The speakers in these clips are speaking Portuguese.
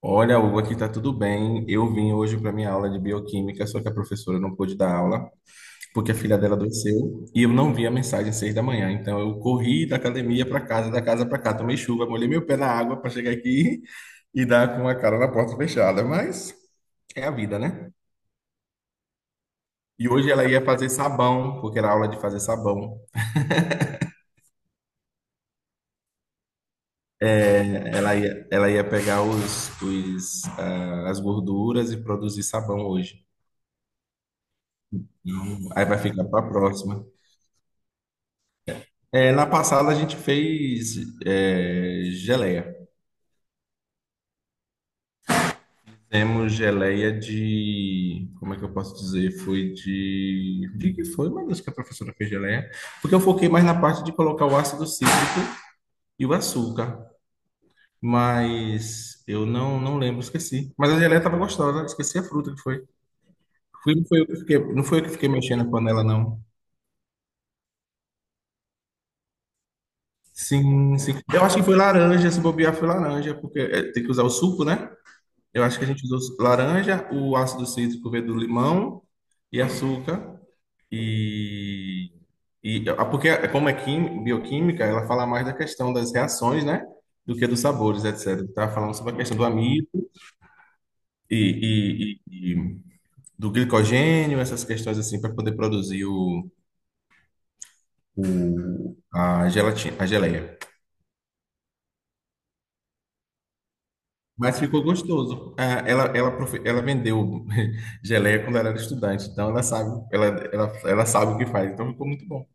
Olha, Hugo, aqui tá tudo bem. Eu vim hoje para minha aula de bioquímica, só que a professora não pôde dar aula porque a filha dela adoeceu e eu não vi a mensagem às 6 da manhã. Então eu corri da academia para casa, da casa para cá, tomei chuva, molhei meu pé na água para chegar aqui e dar com a cara na porta fechada. Mas é a vida, né? E hoje ela ia fazer sabão, porque era aula de fazer sabão. É, ela ia pegar as gorduras e produzir sabão hoje. Aí vai ficar para a próxima. É, na passada a gente fez geleia. Temos geleia de. Como é que eu posso dizer? Foi de. De que foi, meu Deus, que a professora fez geleia? Porque eu foquei mais na parte de colocar o ácido cítrico e o açúcar. Mas eu não lembro, esqueci. Mas a geleia estava gostosa, esqueci a fruta que foi. Não foi eu que fiquei, não foi eu que fiquei mexendo na panela, não. Sim, sim. Eu acho que foi laranja, se bobear foi laranja, porque tem que usar o suco, né? Eu acho que a gente usou laranja, o ácido cítrico veio do limão e açúcar. E, e, porque como é bioquímica, ela fala mais da questão das reações, né? Do que dos sabores, etc. Estava falando sobre a questão do amido e do glicogênio, essas questões assim, para poder produzir a gelatina, a geleia. Mas ficou gostoso. Ah, ela vendeu geleia quando ela era estudante, então ela sabe, ela sabe o que faz, então ficou muito bom.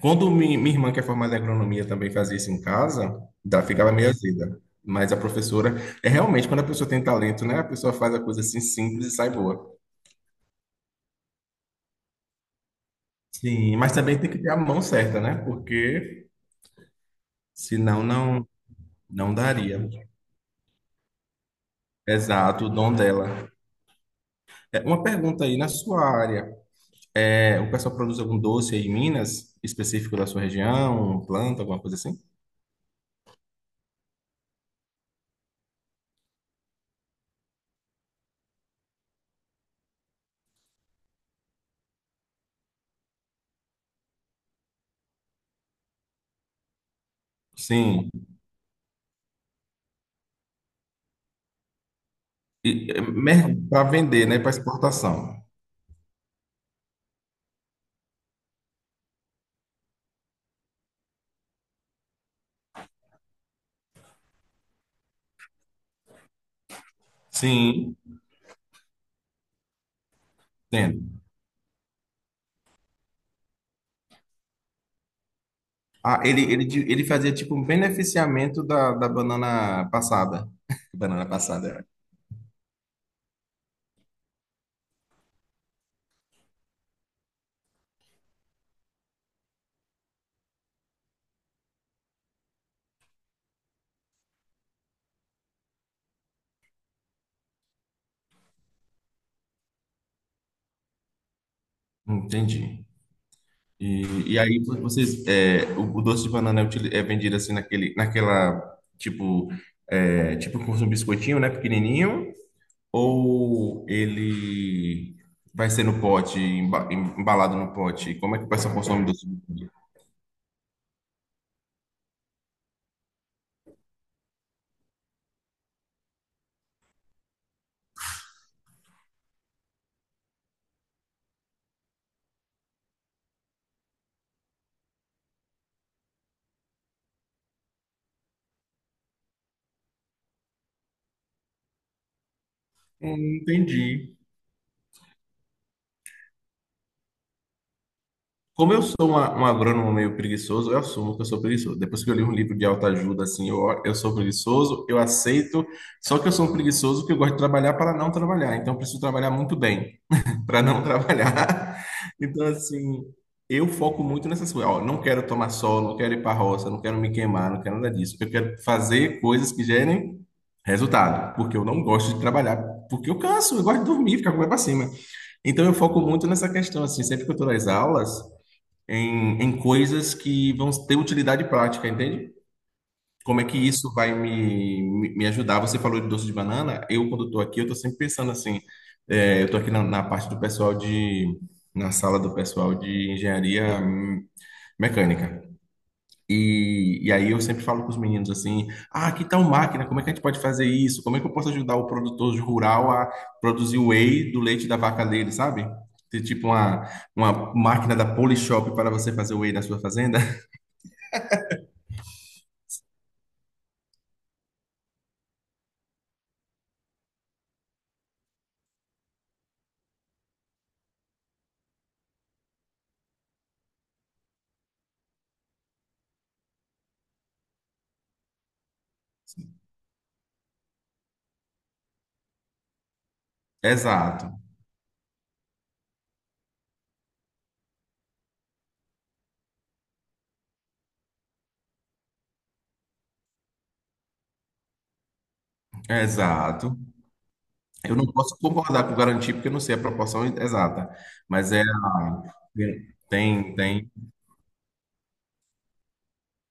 Quando minha irmã, que é formada em agronomia, também fazia isso em casa, ficava meio azeda. Mas a professora, é realmente quando a pessoa tem talento, né? A pessoa faz a coisa assim simples e sai boa. Sim, mas também tem que ter a mão certa, né? Porque senão não, não daria. Exato, o dom dela. É, uma pergunta aí na sua área. É, o pessoal produz algum doce aí em Minas, específico da sua região, planta, alguma coisa assim? Sim. E, para vender, né? Para exportação. Sim, entendo. Ah, ele fazia tipo um beneficiamento da banana passada. Banana passada. É. Entendi. E, e aí vocês, é, o doce de banana é, é vendido assim naquele, naquela, tipo, tipo como se fosse um biscoitinho, né? Pequenininho. Ou ele vai ser no pote, embalado no pote? Como é que vai ser consome doce do leite? Entendi. Como eu sou uma, um agrônomo meio preguiçoso, eu assumo que eu sou preguiçoso. Depois que eu li um livro de autoajuda, assim, eu sou preguiçoso, eu aceito. Só que eu sou um preguiçoso que eu gosto de trabalhar para não trabalhar. Então, eu preciso trabalhar muito bem, para não trabalhar. Então, assim, eu foco muito nessas coisas. Ó, não quero tomar sol, não quero ir para roça, não quero me queimar, não quero nada disso. Eu quero fazer coisas que gerem resultado, porque eu não gosto de trabalhar, porque eu canso, eu gosto de dormir, ficar com o pé para cima. Então, eu foco muito nessa questão, assim, sempre que eu estou nas aulas, em coisas que vão ter utilidade prática, entende? Como é que isso vai me ajudar? Você falou de doce de banana. Eu, quando estou aqui, eu estou sempre pensando assim. Eu estou aqui na parte do pessoal de, na sala do pessoal de engenharia mecânica. E aí eu sempre falo com os meninos assim: ah, que tal máquina? Como é que a gente pode fazer isso? Como é que eu posso ajudar o produtor rural a produzir o whey do leite da vaca dele, sabe? Ter tipo uma máquina da Polishop para você fazer o whey na sua fazenda? Exato, exato. Eu não posso concordar com garantir, porque eu não sei a proporção exata, mas tem.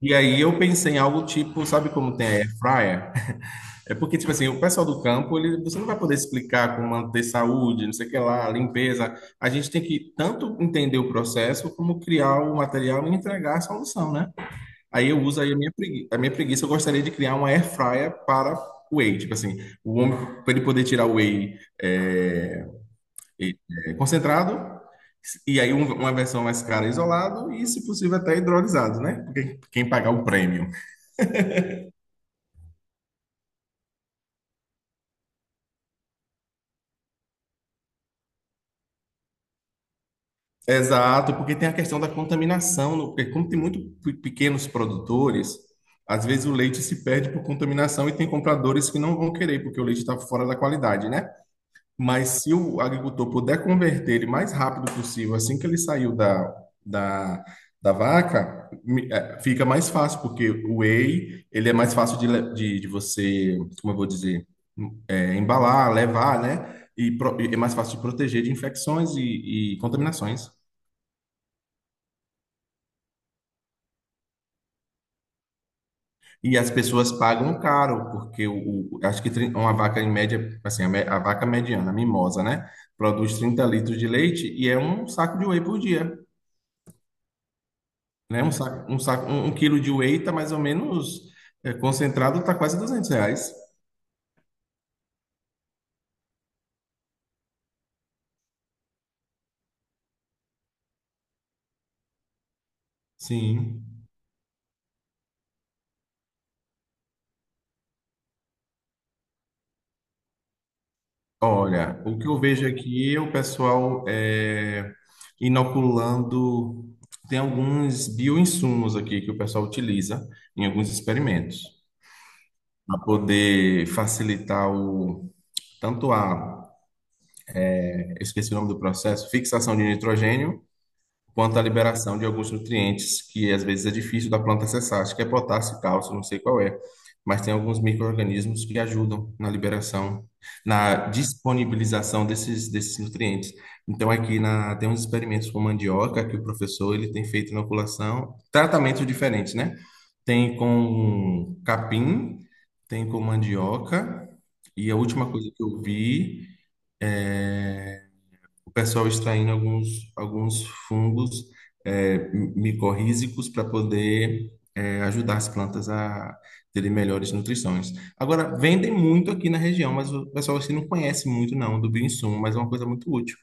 E aí eu pensei em algo tipo, sabe como tem a air fryer? É porque, tipo assim, o pessoal do campo, ele, você não vai poder explicar como manter saúde, não sei o que lá, limpeza. A gente tem que tanto entender o processo, como criar o material e entregar a solução, né? Aí eu uso aí a minha preguiça. A minha preguiça, eu gostaria de criar uma air fryer para whey. Tipo assim, o homem, para ele poder tirar o whey E- concentrado, e aí uma versão mais cara isolado e, se possível, até hidrolisado, né? Porque quem pagar o prêmio. Exato, porque tem a questão da contaminação, porque como tem muito pequenos produtores, às vezes o leite se perde por contaminação e tem compradores que não vão querer, porque o leite está fora da qualidade, né? Mas se o agricultor puder converter ele mais rápido possível, assim que ele saiu da, da, da vaca, fica mais fácil, porque o whey, ele é mais fácil de você, como eu vou dizer, embalar, levar, né? E é mais fácil de proteger de infecções e contaminações. E as pessoas pagam caro, porque acho que uma vaca em média, assim, a vaca mediana, a mimosa, né? Produz 30 litros de leite e é um saco de whey por dia. Né? Um quilo de whey tá mais ou menos concentrado, tá quase 200 reais. Sim. Olha, o que eu vejo aqui é o pessoal inoculando. Tem alguns bioinsumos aqui que o pessoal utiliza em alguns experimentos para poder facilitar o tanto a, eu esqueci o nome do processo, fixação de nitrogênio quanto à liberação de alguns nutrientes que às vezes é difícil da planta acessar. Acho que é potássio, cálcio, não sei qual é, mas tem alguns micro-organismos que ajudam na liberação, na disponibilização desses nutrientes. Então aqui na, tem uns experimentos com mandioca que o professor ele tem feito inoculação, tratamentos diferentes, né? Tem com capim, tem com mandioca, e a última coisa que eu vi é o pessoal extraindo alguns fungos micorrízicos para poder ajudar as plantas a terem melhores nutrições. Agora, vendem muito aqui na região, mas o pessoal assim não conhece muito não do bioinsumo, mas é uma coisa muito útil,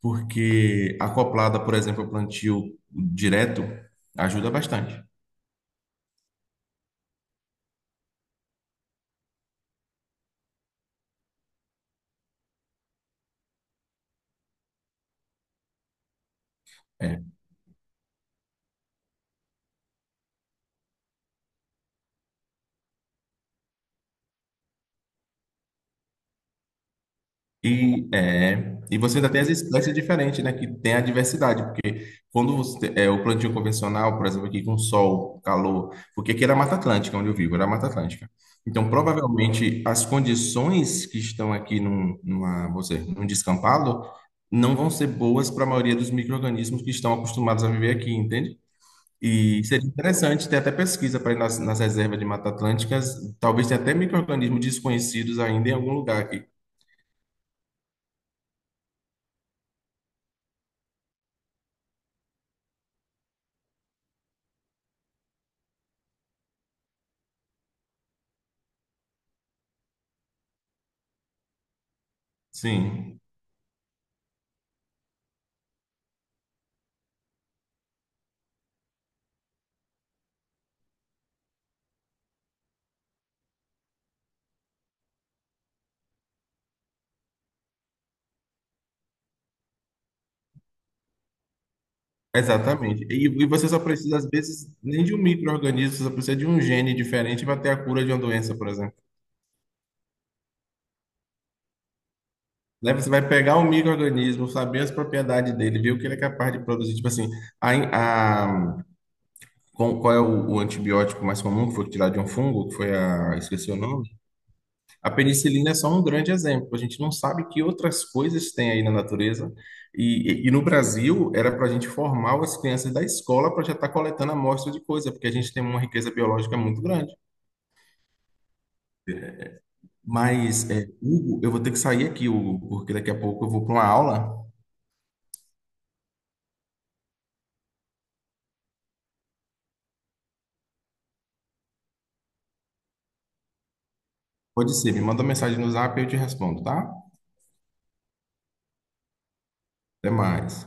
porque acoplada, por exemplo, ao plantio direto, ajuda bastante. É. E você ainda tem as espécies diferentes, né? Que tem a diversidade. Quando você, o plantio convencional, por exemplo, aqui com sol, calor, porque aqui era Mata Atlântica, onde eu vivo, era Mata Atlântica. Então, provavelmente, as condições que estão aqui vou num descampado não vão ser boas para a maioria dos micro-organismos que estão acostumados a viver aqui, entende? E seria interessante ter até pesquisa para ir nas reservas de Mata Atlânticas, talvez tenha até micro-organismos desconhecidos ainda em algum lugar aqui. Sim. Exatamente. E você só precisa, às vezes, nem de um micro-organismo, você só precisa de um gene diferente para ter a cura de uma doença, por exemplo. Né? Você vai pegar um micro-organismo, saber as propriedades dele, ver o que ele é capaz de produzir. Tipo assim, a, in- a- qual é o antibiótico mais comum que foi tirado de um fungo, que foi a, esqueci o nome. A penicilina é só um grande exemplo. A gente não sabe que outras coisas tem aí na natureza. E no Brasil, era para a gente formar as crianças da escola para já estar coletando amostra de coisa, porque a gente tem uma riqueza biológica muito grande. Mas, Hugo, eu vou ter que sair aqui, Hugo, porque daqui a pouco eu vou para uma aula. Pode ser, me manda uma mensagem no Zap e eu te respondo, tá? Até mais.